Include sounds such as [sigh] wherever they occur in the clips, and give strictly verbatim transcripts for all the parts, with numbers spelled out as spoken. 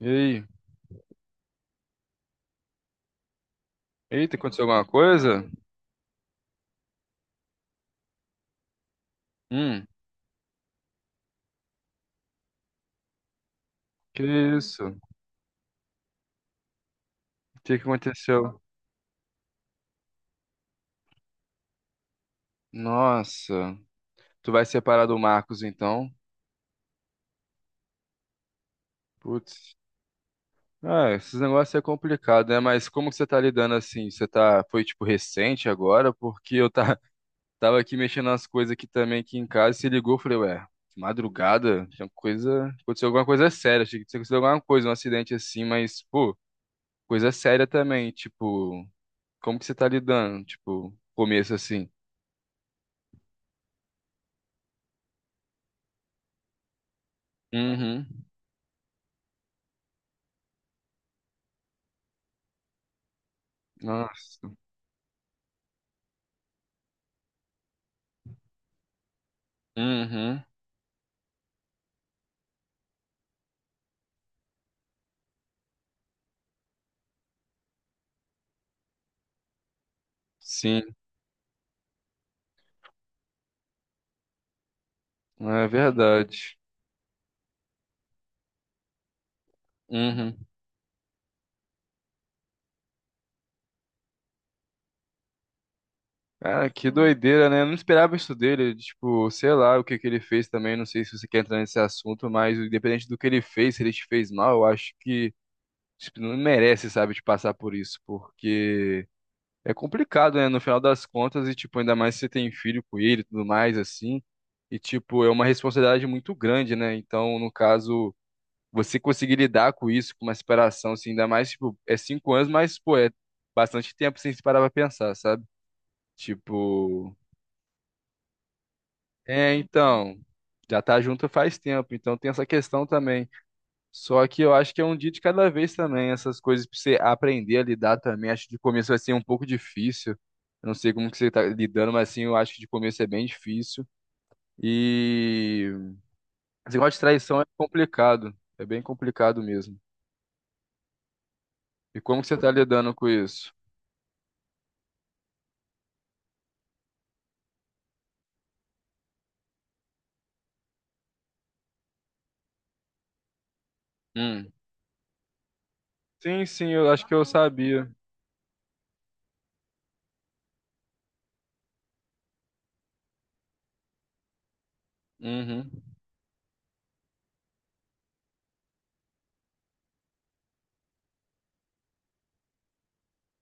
E aí? Eita, aconteceu alguma coisa? Hum, que isso? O que que aconteceu? Nossa, tu vai separar do Marcos então? Putz. Ah, esses negócios é complicado, né? Mas como que você tá lidando assim? Você tá, foi tipo recente agora? Porque eu tá, [laughs] tava aqui mexendo nas coisas aqui também aqui em casa e se ligou, eu falei, ué, de madrugada? Tinha coisa, aconteceu alguma coisa séria, achei que tinha acontecido alguma coisa, um acidente assim, mas, pô, coisa séria também, tipo, como que você tá lidando? Tipo, começo assim. Uhum. Nossa. Uhum. Sim, é verdade. Uhum. Cara, que doideira, né? Eu não esperava isso dele. Tipo, sei lá o que que ele fez também. Não sei se você quer entrar nesse assunto, mas independente do que ele fez, se ele te fez mal, eu acho que tipo, não merece, sabe, de passar por isso, porque é complicado, né? No final das contas, e tipo, ainda mais se você tem filho com ele e tudo mais, assim. E tipo, é uma responsabilidade muito grande, né? Então, no caso. Você conseguir lidar com isso, com uma separação, assim, ainda mais, tipo, é cinco anos, mas, pô, é bastante tempo sem se parar pra pensar, sabe? Tipo, é, então, já tá junto faz tempo, então tem essa questão também. Só que eu acho que é um dia de cada vez também, essas coisas pra você aprender a lidar também. Acho que de começo vai ser um pouco difícil. Eu não sei como que você tá lidando, mas assim, eu acho que de começo é bem difícil. E esse negócio de traição é complicado, é bem complicado mesmo. E como que você tá lidando com isso? Hum. Sim, sim, eu acho que eu sabia. Uhum,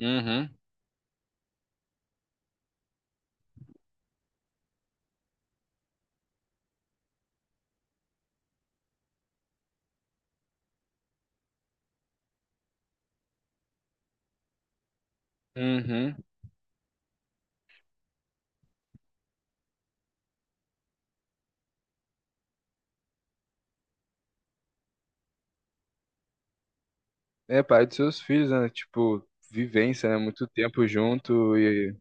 uhum, uhum. É, pai dos seus filhos, né? Tipo, vivência, né? Muito tempo junto e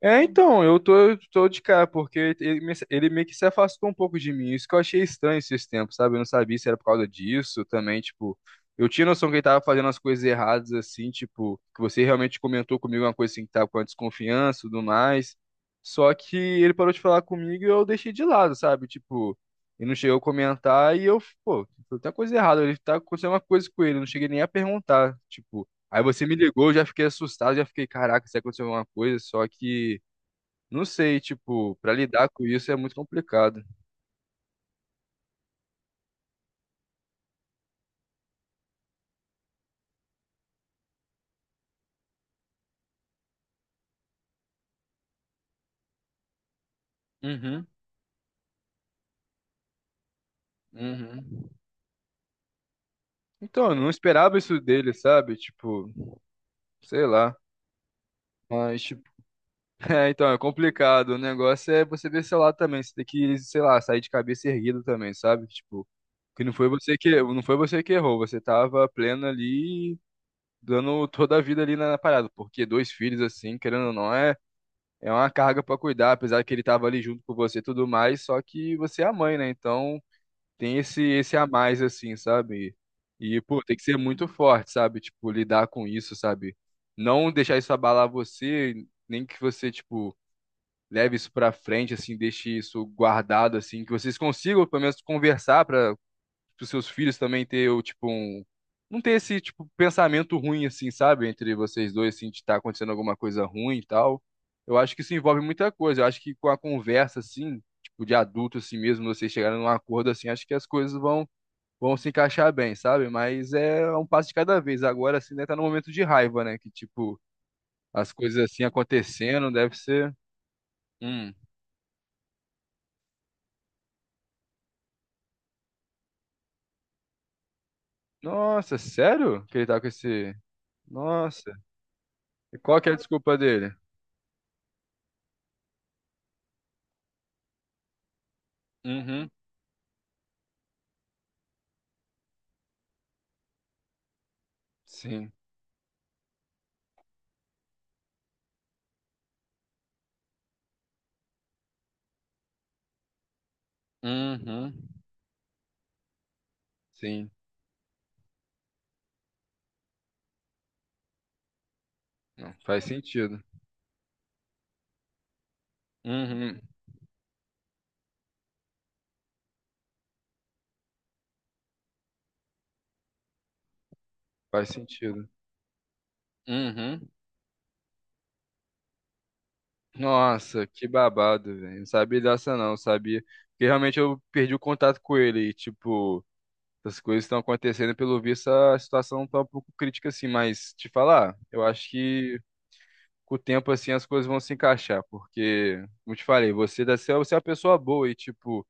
é, então, eu tô, eu tô de cara, porque ele, me- ele meio que se afastou um pouco de mim. Isso que eu achei estranho esses tempos, sabe? Eu não sabia se era por causa disso também, tipo. Eu tinha noção que ele tava fazendo as coisas erradas, assim, tipo, que você realmente comentou comigo uma coisa assim que tava com a desconfiança e tudo mais. Só que ele parou de falar comigo e eu deixei de lado, sabe? Tipo, ele não chegou a comentar e eu, pô, tem coisa errada. Ele tá acontecendo uma coisa com ele, eu não cheguei nem a perguntar, tipo. Aí você me ligou, eu já fiquei assustado, já fiquei, caraca, se aconteceu alguma coisa, só que não sei, tipo, pra lidar com isso é muito complicado. Uhum, uhum. Então, eu não esperava isso dele, sabe? Tipo, sei lá. Mas, tipo, [laughs] é, então, é complicado. O negócio é você ver seu lado também. Você tem que, sei lá, sair de cabeça erguida também, sabe? Tipo, que não foi você que, não foi você que errou, você tava pleno ali, dando toda a vida ali na na parada. Porque dois filhos, assim, querendo ou não, é. É uma carga pra cuidar, apesar que ele tava ali junto com você e tudo mais, só que você é a mãe, né? Então tem esse esse a mais assim, sabe? E pô, tem que ser muito forte, sabe? Tipo, lidar com isso, sabe? Não deixar isso abalar você, nem que você tipo leve isso pra frente assim, deixe isso guardado assim, que vocês consigam pelo menos conversar pra os seus filhos também ter, o, tipo, um. Não ter esse, tipo, pensamento ruim, assim, sabe? Entre vocês dois, assim, de estar acontecendo alguma coisa ruim e tal. Eu acho que isso envolve muita coisa. Eu acho que com a conversa, assim, tipo, de adulto, assim mesmo, vocês chegarem num acordo, assim, acho que as coisas vão, vão se encaixar bem, sabe? Mas é um passo de cada vez. Agora, assim, né, tá no momento de raiva, né? Que, tipo, as coisas assim acontecendo, deve ser. Hum. Nossa, sério? Que ele tá com esse. Nossa. E qual que é a desculpa dele? Uhum. Sim. Uhum. Sim, não, faz sentido. Uhum. Faz sentido. Uhum. Nossa, que babado, velho. Não sabia dessa não, sabia? Porque realmente eu perdi o contato com ele e, tipo, as coisas estão acontecendo, pelo visto a situação tá um pouco crítica assim, mas te falar, eu acho que com o tempo assim as coisas vão se encaixar, porque, como eu te falei, você, deve ser- você é uma pessoa boa e, tipo,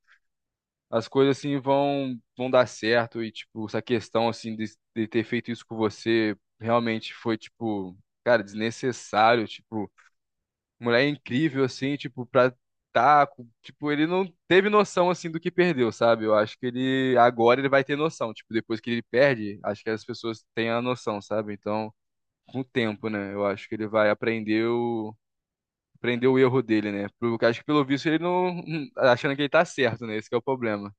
as coisas assim vão vão dar certo e tipo essa questão assim de, de ter feito isso com você realmente foi tipo cara desnecessário, tipo mulher incrível, assim, tipo pra tá com- tipo ele não teve noção assim do que perdeu, sabe? Eu acho que ele agora ele vai ter noção, tipo depois que ele perde, acho que as pessoas têm a noção, sabe? Então com o tempo, né? Eu acho que ele vai aprender o, aprender o erro dele, né? Porque acho que pelo visto ele não, achando que ele tá certo, né? Esse que é o problema.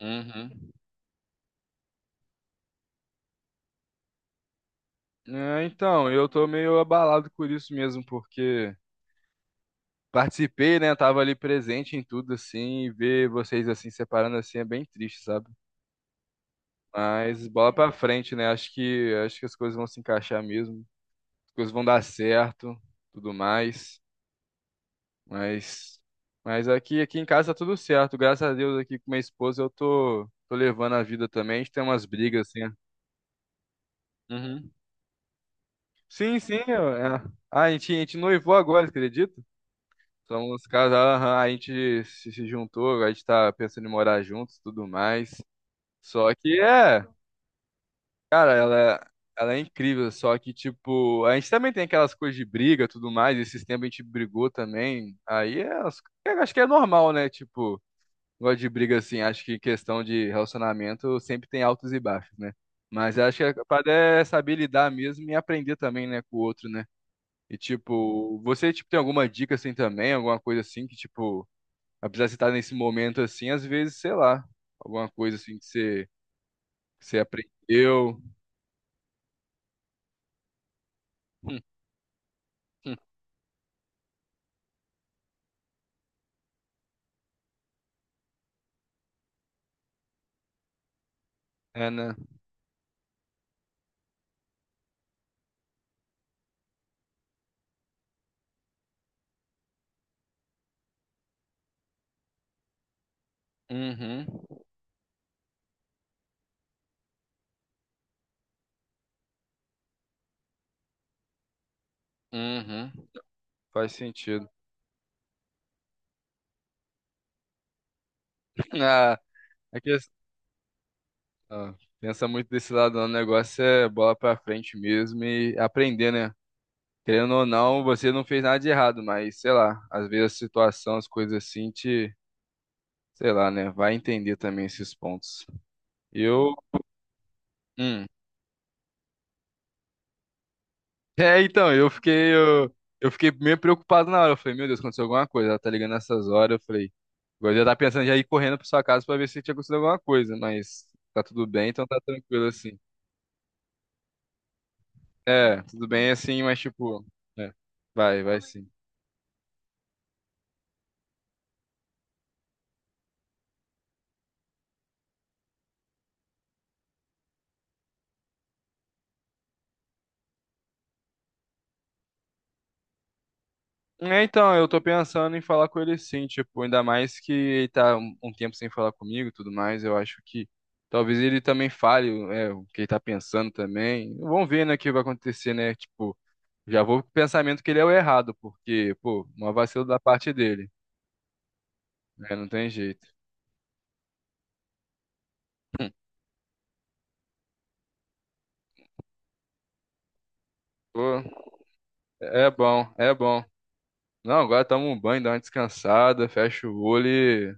Uhum. É, então, eu tô meio abalado por isso mesmo, porque participei, né? Tava ali presente em tudo, assim, e ver vocês assim separando assim é bem triste, sabe? Mas bola pra frente, né? Acho que acho que as coisas vão se encaixar mesmo, as coisas vão dar certo, tudo mais. Mas mas aqui aqui em casa tá tudo certo, graças a Deus, aqui com minha esposa eu tô tô levando a vida também. A gente tem umas brigas assim. Uhum. Sim, sim. Eu- é. Ah, a gente, a gente noivou agora, acredita? Somos casados, aham, a gente se se juntou, a gente tá pensando em morar juntos, tudo mais. Só que é, cara, ela, ela é incrível, só que, tipo, a gente também tem aquelas coisas de briga, tudo mais, esses tempos a gente brigou também. Aí é, as- é, acho que é normal, né? Tipo, gosto de briga assim, acho que questão de relacionamento sempre tem altos e baixos, né? Mas acho que a parada é saber lidar mesmo e aprender também, né, com o outro, né? E tipo, você tipo tem alguma dica assim também, alguma coisa assim que tipo apesar de você estar nesse momento assim, às vezes, sei lá, alguma coisa assim que você, que você aprendeu. [laughs] Hum, hum. É, né? Uhum, uhum, faz sentido. [laughs] Ah, é que, ah, pensa muito desse lado, não. O negócio é bola pra frente mesmo e aprender, né? Querendo ou não, você não fez nada de errado, mas sei lá, às vezes a situação, as coisas assim te, sei lá, né? Vai entender também esses pontos. Eu, hum, é, então, eu fiquei, eu, eu fiquei meio preocupado na hora. Eu falei, meu Deus, aconteceu alguma coisa. Ela tá ligando nessas horas. Eu falei, eu já tá pensando já ir correndo pra sua casa pra ver se tinha acontecido alguma coisa, mas tá tudo bem, então tá tranquilo assim. É, tudo bem assim, mas tipo, é, vai, vai sim. É, então, eu tô pensando em falar com ele sim, tipo, ainda mais que ele tá um um tempo sem falar comigo e tudo mais, eu acho que talvez ele também fale, é, o que ele tá pensando também. Vamos ver, né, o que vai acontecer, né, tipo. Já vou com o pensamento que ele é o errado, porque, pô, uma vacilo da parte dele. Né? Não tem jeito. Pô, é bom, é bom. Não, agora toma um banho, dá uma descansada, fecha o olho e...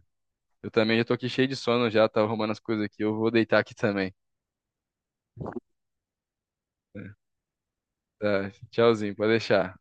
Eu também já tô aqui cheio de sono já, tá arrumando as coisas aqui. Eu vou deitar aqui também. Tá, tchauzinho, pode deixar.